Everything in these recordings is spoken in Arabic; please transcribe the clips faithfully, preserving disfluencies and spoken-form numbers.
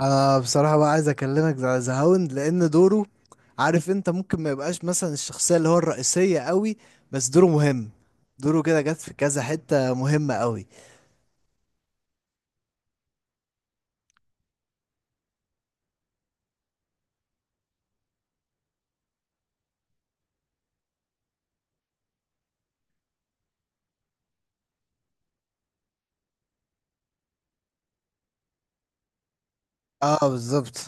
انا بصراحه بقى عايز اكلمك على ذا هاوند، لان دوره، عارف انت، ممكن ما يبقاش مثلا الشخصيه اللي هو الرئيسيه قوي، بس دوره مهم. دوره كده جت في كذا حته مهمه قوي. اه بالظبط.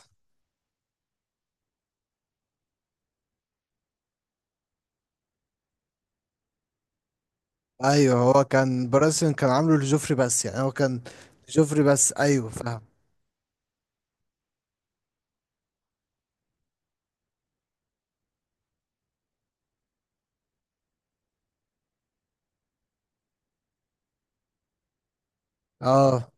ايوه، هو كان براسن، كان عامله لجوفري بس، يعني هو كان جوفري بس. ايوه فاهم. اه.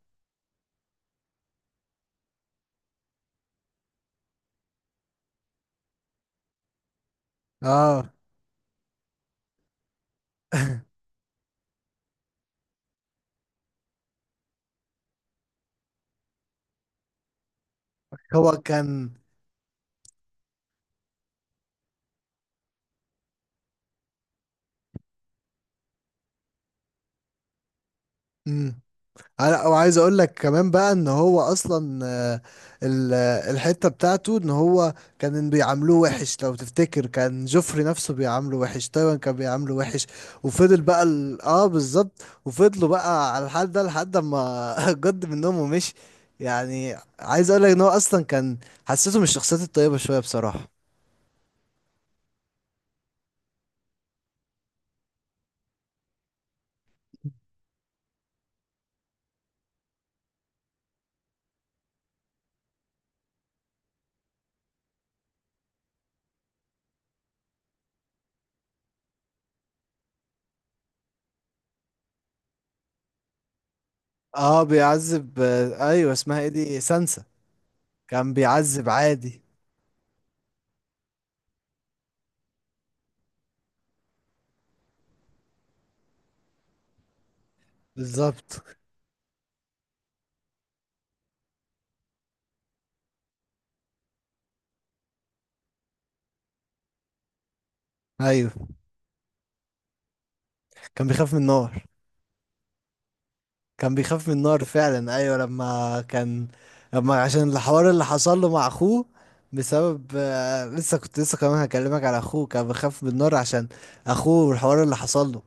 اه. هو كان. مم. لا، وعايز اقول لك كمان بقى ان هو اصلا آه، ال- آه، الحته بتاعته، ان هو كان بيعاملوه وحش. لو تفتكر كان جوفري نفسه بيعامله وحش، تايوان كان بيعامله وحش، وفضل بقى ال... اه بالظبط، وفضلوا بقى على الحال ده لحد ما جد منهم ومشي. يعني عايز اقول لك ان هو اصلا كان، حسيته من الشخصيات الطيبه شويه بصراحه. اه بيعذب، آه، ايوه، اسمها ايه دي، سانسا. كان بيعذب عادي. بالظبط ايوه. كان بيخاف من النار. كان بيخاف من النار فعلا، ايوه لما كان، لما عشان الحوار اللي حصل له مع اخوه، بسبب آه، لسه كنت لسه كمان هكلمك على اخوه، كان بيخاف من النار عشان اخوه والحوار اللي حصل له.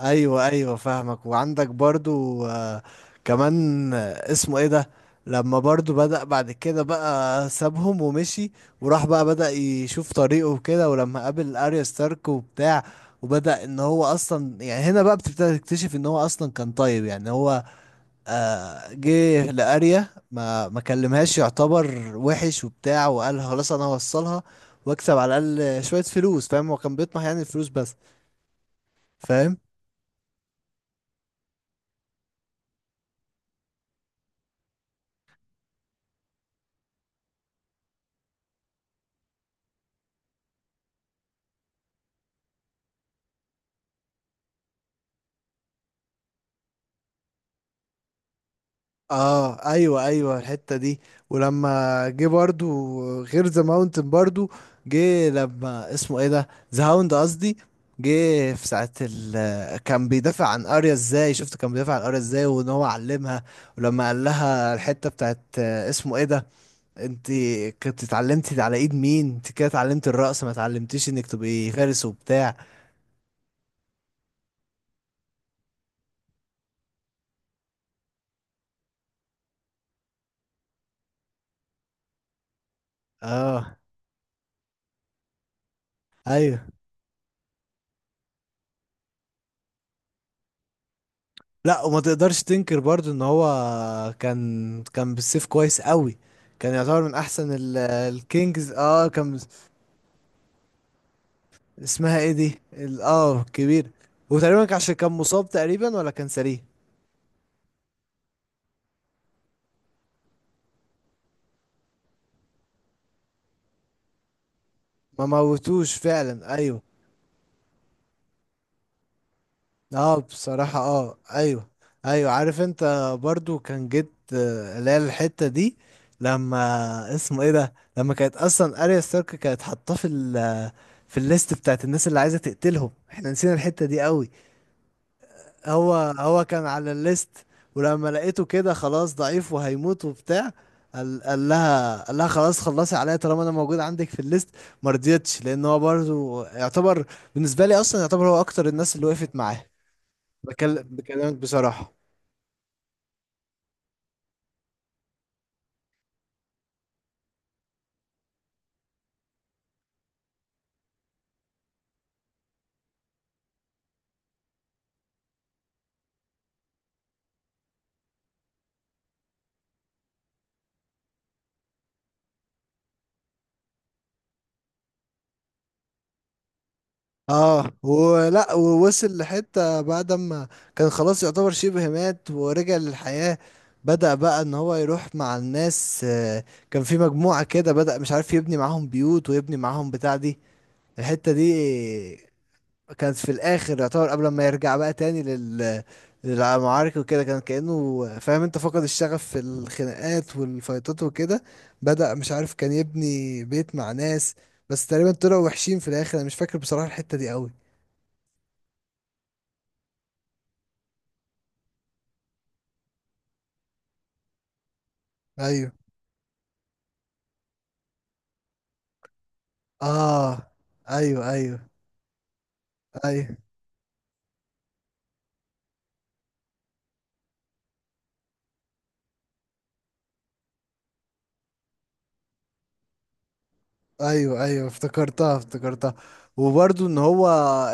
ايوه ايوه فاهمك، وعندك برضو آه، كمان آه، اسمه ايه ده، لما برضو بدأ بعد كده بقى سابهم ومشي، وراح بقى بدأ يشوف طريقه وكده، ولما قابل اريا ستارك وبتاع، وبدأ ان هو اصلا، يعني هنا بقى بتبتدي تكتشف ان هو اصلا كان طيب. يعني هو آه، جه لاريا، ما ما كلمهاش، يعتبر وحش وبتاع، وقال خلاص انا هوصلها واكسب على الاقل شويه فلوس. فاهم، هو كان بيطمح يعني الفلوس بس. فاهم. اه ايوه ايوه، الحته دي ولما جه برضو، غير ذا ماونتن برضو، جه لما اسمه ايه ده، ذا هاوند قصدي، جه في ساعة ال كان بيدافع عن اريا ازاي، شفت كان بيدافع عن اريا ازاي وان هو علمها. ولما قال لها الحتة بتاعت آه، اسمه ايه ده، انت كنت اتعلمتي على ايد مين، انت كده اتعلمت الرقص، ما اتعلمتيش انك تبقي فارس وبتاع. اه ايوه، لا، وما تقدرش تنكر برضو ان هو كان كان بالسيف كويس قوي، كان يعتبر من احسن ال- الكينجز اه كان. اسمها ايه دي ال- اه كبير، وتقريبا عشان كان مصاب تقريبا ولا كان سريع. ما موتوش فعلا ايوه. اه بصراحة، اه ايوه، ايوه عارف انت برضو، كان جيت آه، اللي هي الحتة دي لما اسمه ايه ده، لما كانت اصلا اريا ستارك كانت حاطاه في ال في الليست بتاعت الناس اللي عايزة تقتلهم. احنا نسينا الحتة دي قوي. هو هو كان على الليست، ولما لقيته كده خلاص ضعيف وهيموت وبتاع، قال قال لها قال لها خلاص، خلصي عليا طالما انا موجود عندك في الليست. ما رضيتش، لان هو برضو يعتبر، بالنسبة لي اصلا يعتبر هو اكتر الناس اللي وقفت معاه. بكلم بكلمك بصراحة. اه ولا ووصل لحتة بعد ما كان خلاص يعتبر شبه مات ورجع للحياة، بدأ بقى ان هو يروح مع الناس آه، كان في مجموعة كده، بدأ مش عارف يبني معاهم بيوت ويبني معاهم بتاع دي. الحتة دي كانت في الاخر، يعتبر قبل ما يرجع بقى تاني لل، للمعارك وكده، كان كأنه فاهم انت فقد الشغف في الخناقات والفايتات وكده. بدأ مش عارف كان يبني بيت مع ناس، بس تقريبا طلعوا وحشين في الاخر. انا مش فاكر بصراحة الحتة دي قوي. ايوه. اه ايوه ايوه ايوه ايوه ايوه افتكرتها افتكرتها، وبرضه ان هو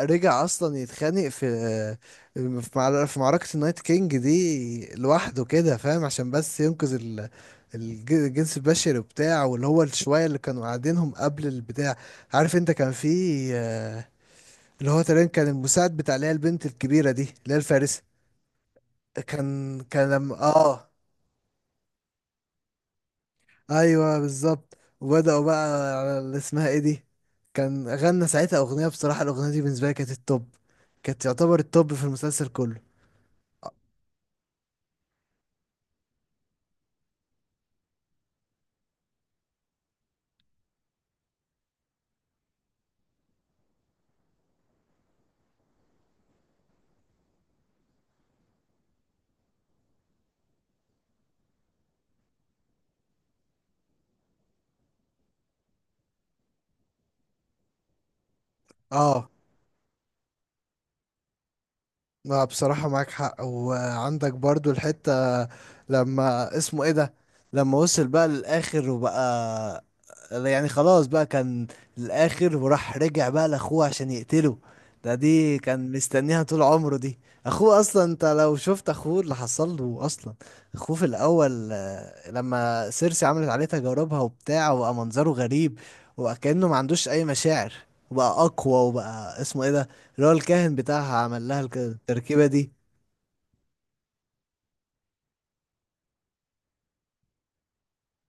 رجع اصلا يتخانق في في معر- في معركة النايت كينج دي لوحده كده، فاهم عشان بس ينقذ ال- الج- الجنس البشري وبتاع، واللي هو الشوية اللي كانوا قاعدينهم قبل البتاع. عارف انت كان في آه، اللي هو تقريبا كان المساعد بتاع اللي هي البنت الكبيرة دي، اللي هي الفارسة، كان كان لما اه ايوه بالظبط، وبداوا بقى على اللي اسمها ايه دي، كان غنى ساعتها اغنيه. بصراحه الاغنيه دي بالنسبه لي كانت التوب، كانت تعتبر التوب في المسلسل كله. اه. لا بصراحه معاك حق، وعندك برضو الحته لما اسمه ايه ده، لما وصل بقى للاخر وبقى، يعني خلاص بقى كان الاخر، وراح رجع بقى لاخوه عشان يقتله. ده دي كان مستنيها طول عمره دي. اخوه اصلا، انت لو شفت اخوه اللي حصل له اصلا، اخوه في الاول آه، لما سيرسي عملت عليه تجاربها وبتاع، وبقى منظره غريب وكأنه ما عندوش اي مشاعر، وبقى اقوى، وبقى اسمه ايه ده، اللي هو الكاهن بتاعها عمل لها الك- التركيبة دي.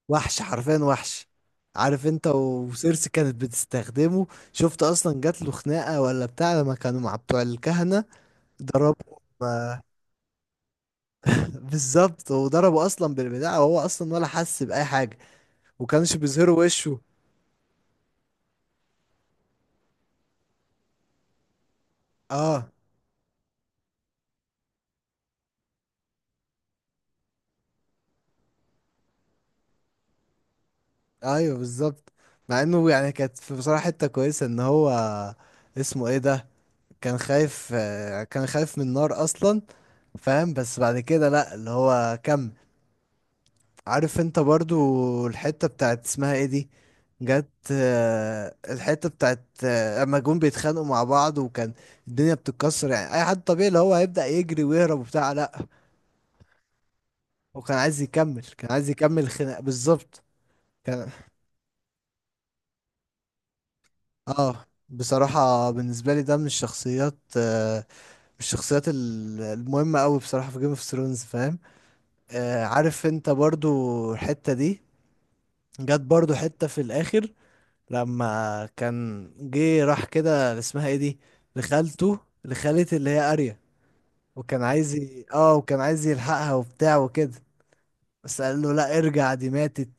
وحش حرفيا وحش. عارف انت، وسيرسي كانت بتستخدمه. شفت اصلا جات له خناقه ولا بتاع لما كانوا مع بتوع الكهنه، ضربوا آه، بالظبط، وضربوا اصلا بالبتاع وهو اصلا ولا حس باي حاجه، وكانش بيظهروا وشه. اه ايوه بالظبط. مع انه يعني كانت في بصراحه حته كويسه ان هو اسمه ايه ده، كان خايف آه، كان خايف من النار اصلا، فاهم، بس بعد كده لا، اللي هو كمل. عارف انت برضو الحتة بتاعت اسمها ايه دي، جت آه، الحتة بتاعت آه، اما جم بيتخانقوا مع بعض، وكان الدنيا بتتكسر، يعني اي حد طبيعي اللي هو هيبدأ يجري ويهرب وبتاع، لا هو كان عايز يكمل كان عايز يكمل الخناق بالظبط كان. اه بصراحة بالنسبة لي ده من الشخصيات آه، من الشخصيات ال- المهمة قوي بصراحة في جيم اوف ثرونز، فاهم. آه، عارف انت برضو الحتة دي جت برضو حتة في الاخر، لما كان جه راح كده اللي اسمها ايه دي، لخالته لخالة اللي هي اريا، وكان عايز ي... اه وكان عايز يلحقها وبتاع وكده، بس قال له لا ارجع دي ماتت.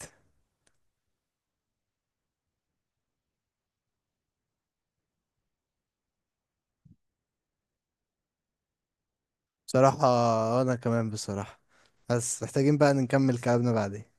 بصراحة انا كمان بصراحة، بس محتاجين بقى نكمل كلامنا بعدين.